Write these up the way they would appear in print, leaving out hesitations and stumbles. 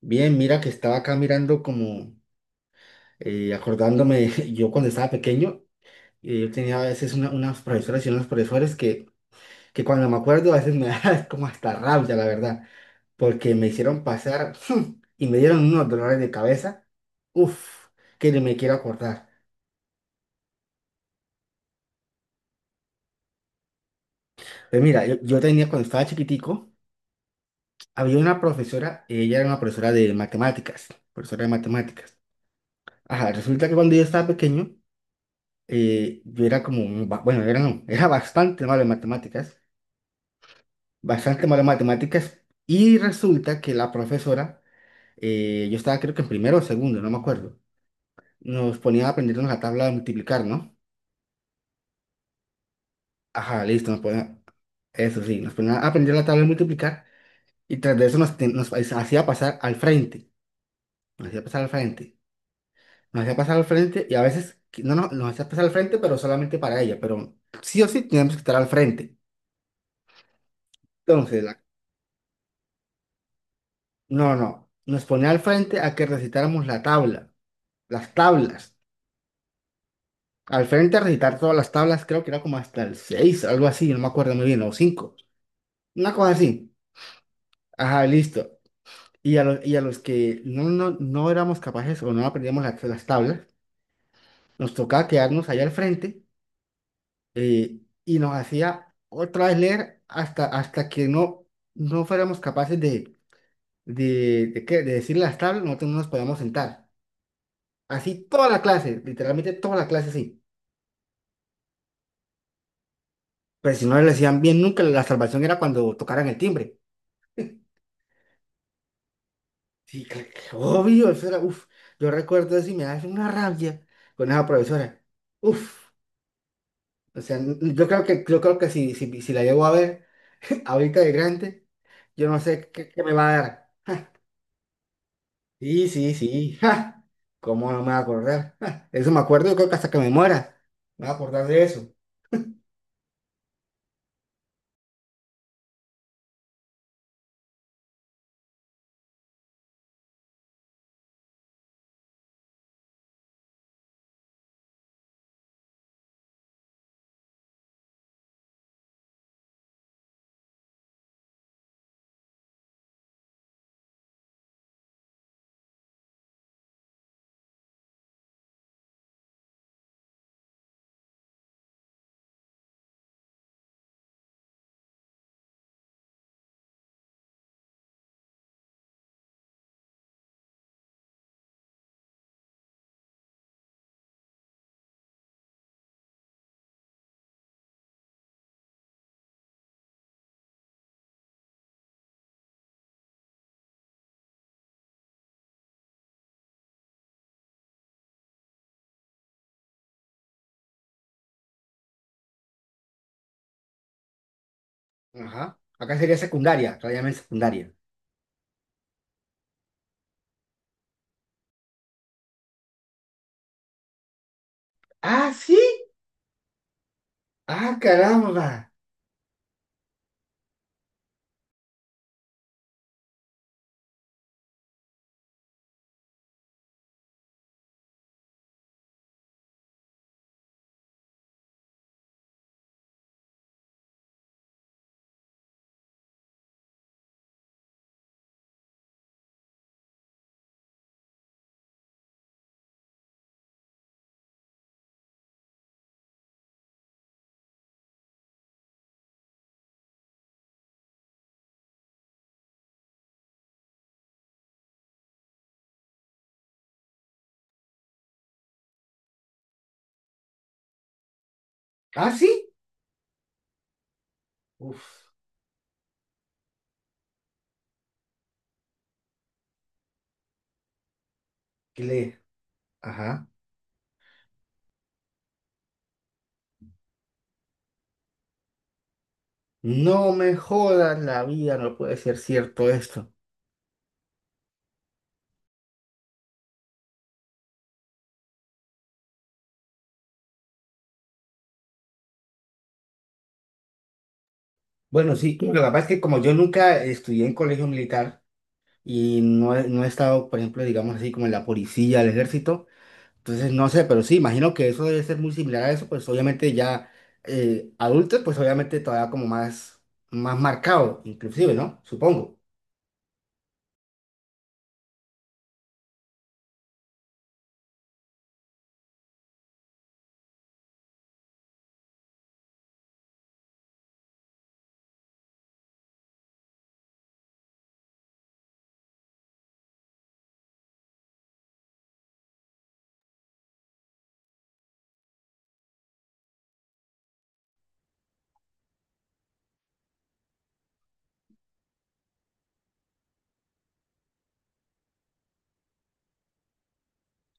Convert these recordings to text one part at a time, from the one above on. Bien, mira que estaba acá mirando como acordándome, yo cuando estaba pequeño, yo tenía a veces unas profesoras y unos profesores que, cuando me acuerdo a veces me da como hasta rabia, la verdad, porque me hicieron pasar y me dieron unos dolores de cabeza, uff, que ni me quiero acordar. Pues mira, yo tenía cuando estaba chiquitico, había una profesora, ella era una profesora de matemáticas, profesora de matemáticas. Ajá, resulta que cuando yo estaba pequeño, yo era como, bueno, era no, era bastante malo en matemáticas, bastante malo en matemáticas, y resulta que la profesora, yo estaba creo que en primero o segundo, no me acuerdo, nos ponía a aprendernos la tabla de multiplicar, ¿no? Ajá, listo, nos ponía, eso sí, nos ponía a aprender la tabla de multiplicar, y tras de eso nos hacía pasar al frente, nos hacía pasar al frente, nos hacía pasar al frente, y a veces, no, no, nos hacía pasar al frente, pero solamente para ella, pero sí o sí teníamos que estar al frente. Entonces, la no, no. Nos ponía al frente a que recitáramos la tabla, las tablas. Al frente a recitar todas las tablas, creo que era como hasta el 6, algo así, no me acuerdo muy bien, o 5, una cosa así. Ajá, listo. Y a los que no éramos capaces o no aprendíamos las tablas, nos tocaba quedarnos allá al frente y nos hacía otra vez leer hasta, hasta que no, no fuéramos capaces de decir las tablas, nosotros no nos podíamos sentar. Así toda la clase, literalmente toda la clase, así. Pero si no le decían bien nunca, la salvación era cuando tocaran el timbre. Sí, obvio, eso era, uff, yo recuerdo eso y me da una rabia con esa profesora. Uff, o sea, yo creo que si la llego a ver ahorita de grande, yo no sé qué, qué me va a dar. Sí, sí, sí, ja, ¿cómo no me va a acordar? Ja, eso me acuerdo, yo creo que hasta que me muera, me va a acordar de eso. Ajá, acá sería secundaria, todavía en secundaria. Ah, sí, ah, caramba, ah, sí, uff. Ajá. No me jodas la vida, no puede ser cierto esto. Bueno, sí, lo que pasa es que como yo nunca estudié en colegio militar y no he estado, por ejemplo, digamos así, como en la policía, el ejército, entonces no sé, pero sí, imagino que eso debe ser muy similar a eso, pues obviamente ya adultos, pues obviamente todavía como más, más marcado, inclusive, ¿no? Supongo.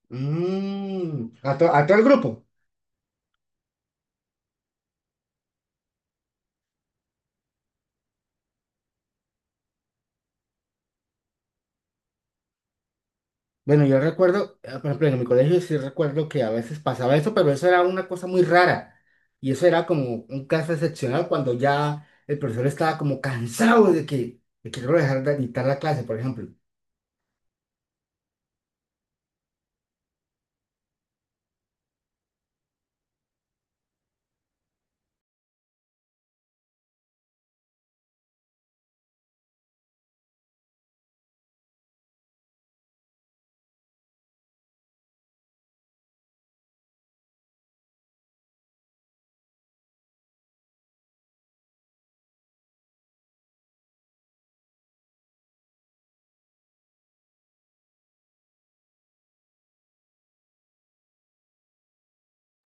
Mm, ¿a, a todo el grupo? Bueno, yo recuerdo, por ejemplo, en mi colegio sí recuerdo que a veces pasaba eso, pero eso era una cosa muy rara. Y eso era como un caso excepcional cuando ya el profesor estaba como cansado de de que no dejar de dictar la clase, por ejemplo.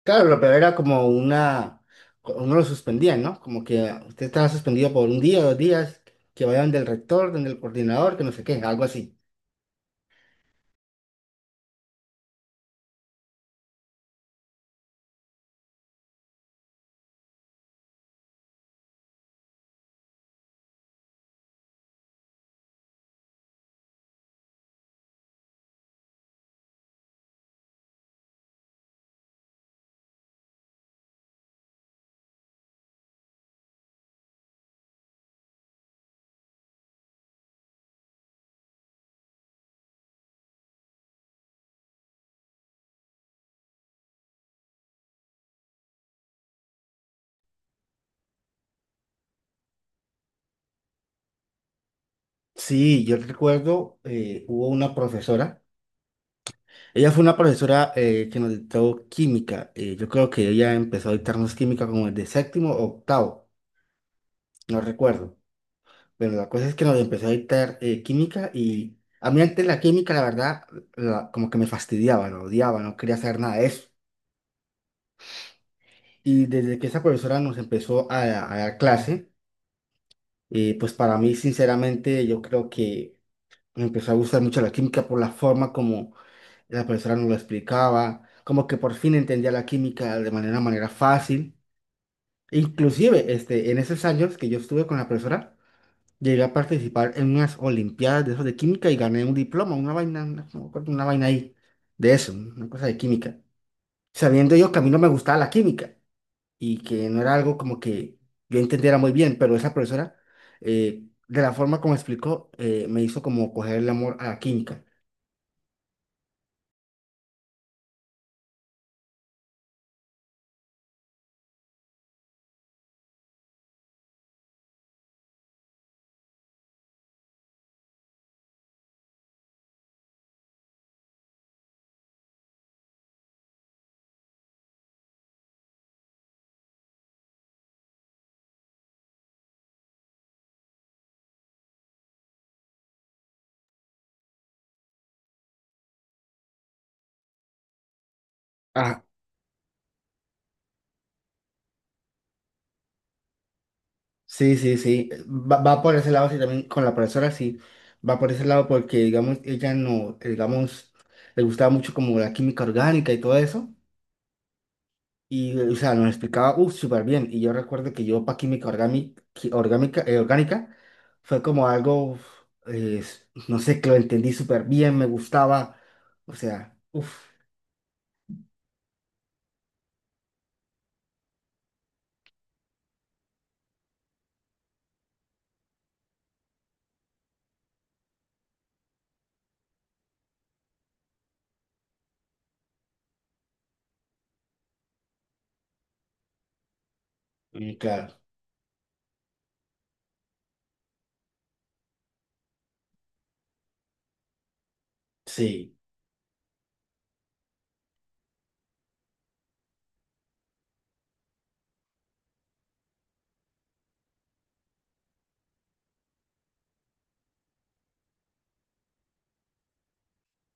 Claro, lo peor era como una, uno lo suspendían, ¿no? Como que usted estaba suspendido por un día, dos días, que vayan del rector, del coordinador, que no sé qué, algo así. Sí, yo recuerdo, hubo una profesora. Ella fue una profesora que nos dictó química. Yo creo que ella empezó a dictarnos química como desde séptimo o octavo, no recuerdo. Pero la cosa es que nos empezó a dictar química y a mí antes la química, la verdad, como que me fastidiaba, lo odiaba, no quería saber nada de eso. Y desde que esa profesora nos empezó a dar clase, pues para mí, sinceramente, yo creo que me empezó a gustar mucho la química por la forma como la profesora nos lo explicaba, como que por fin entendía la química de manera, manera fácil. Inclusive, este, en esos años que yo estuve con la profesora, llegué a participar en unas olimpiadas de esos de química y gané un diploma, una vaina, una, no me acuerdo, una vaina ahí, de eso, una cosa de química. Sabiendo yo que a mí no me gustaba la química y que no era algo como que yo entendiera muy bien, pero esa profesora, de la forma como explicó, me hizo como coger el amor a la química. A, sí, sí, sí. Va, va por ese lado, sí, también con la profesora, sí. Va por ese lado porque, digamos, ella no, digamos, le gustaba mucho como la química orgánica y todo eso. Y, o sea, nos explicaba, uff, súper bien. Y yo recuerdo que yo para química orgánica, orgánica, orgánica fue como algo, uf, no sé, que lo entendí súper bien, me gustaba. O sea, uff, y claro, sí.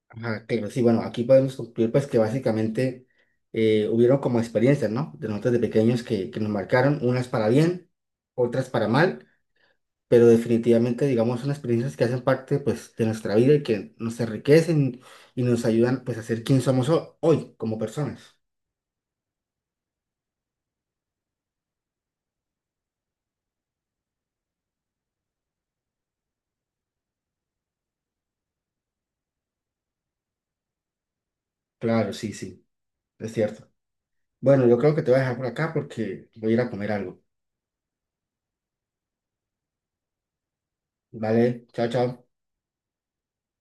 Ajá, claro, sí, bueno, aquí podemos concluir pues que básicamente hubieron como experiencias, ¿no? De nosotros de pequeños que nos marcaron, unas para bien, otras para mal, pero definitivamente, digamos, son experiencias que hacen parte pues de nuestra vida y que nos enriquecen y nos ayudan pues a ser quien somos hoy como personas. Claro, sí, sí, es cierto. Bueno, yo creo que te voy a dejar por acá porque voy a ir a comer algo. Vale, chao, chao.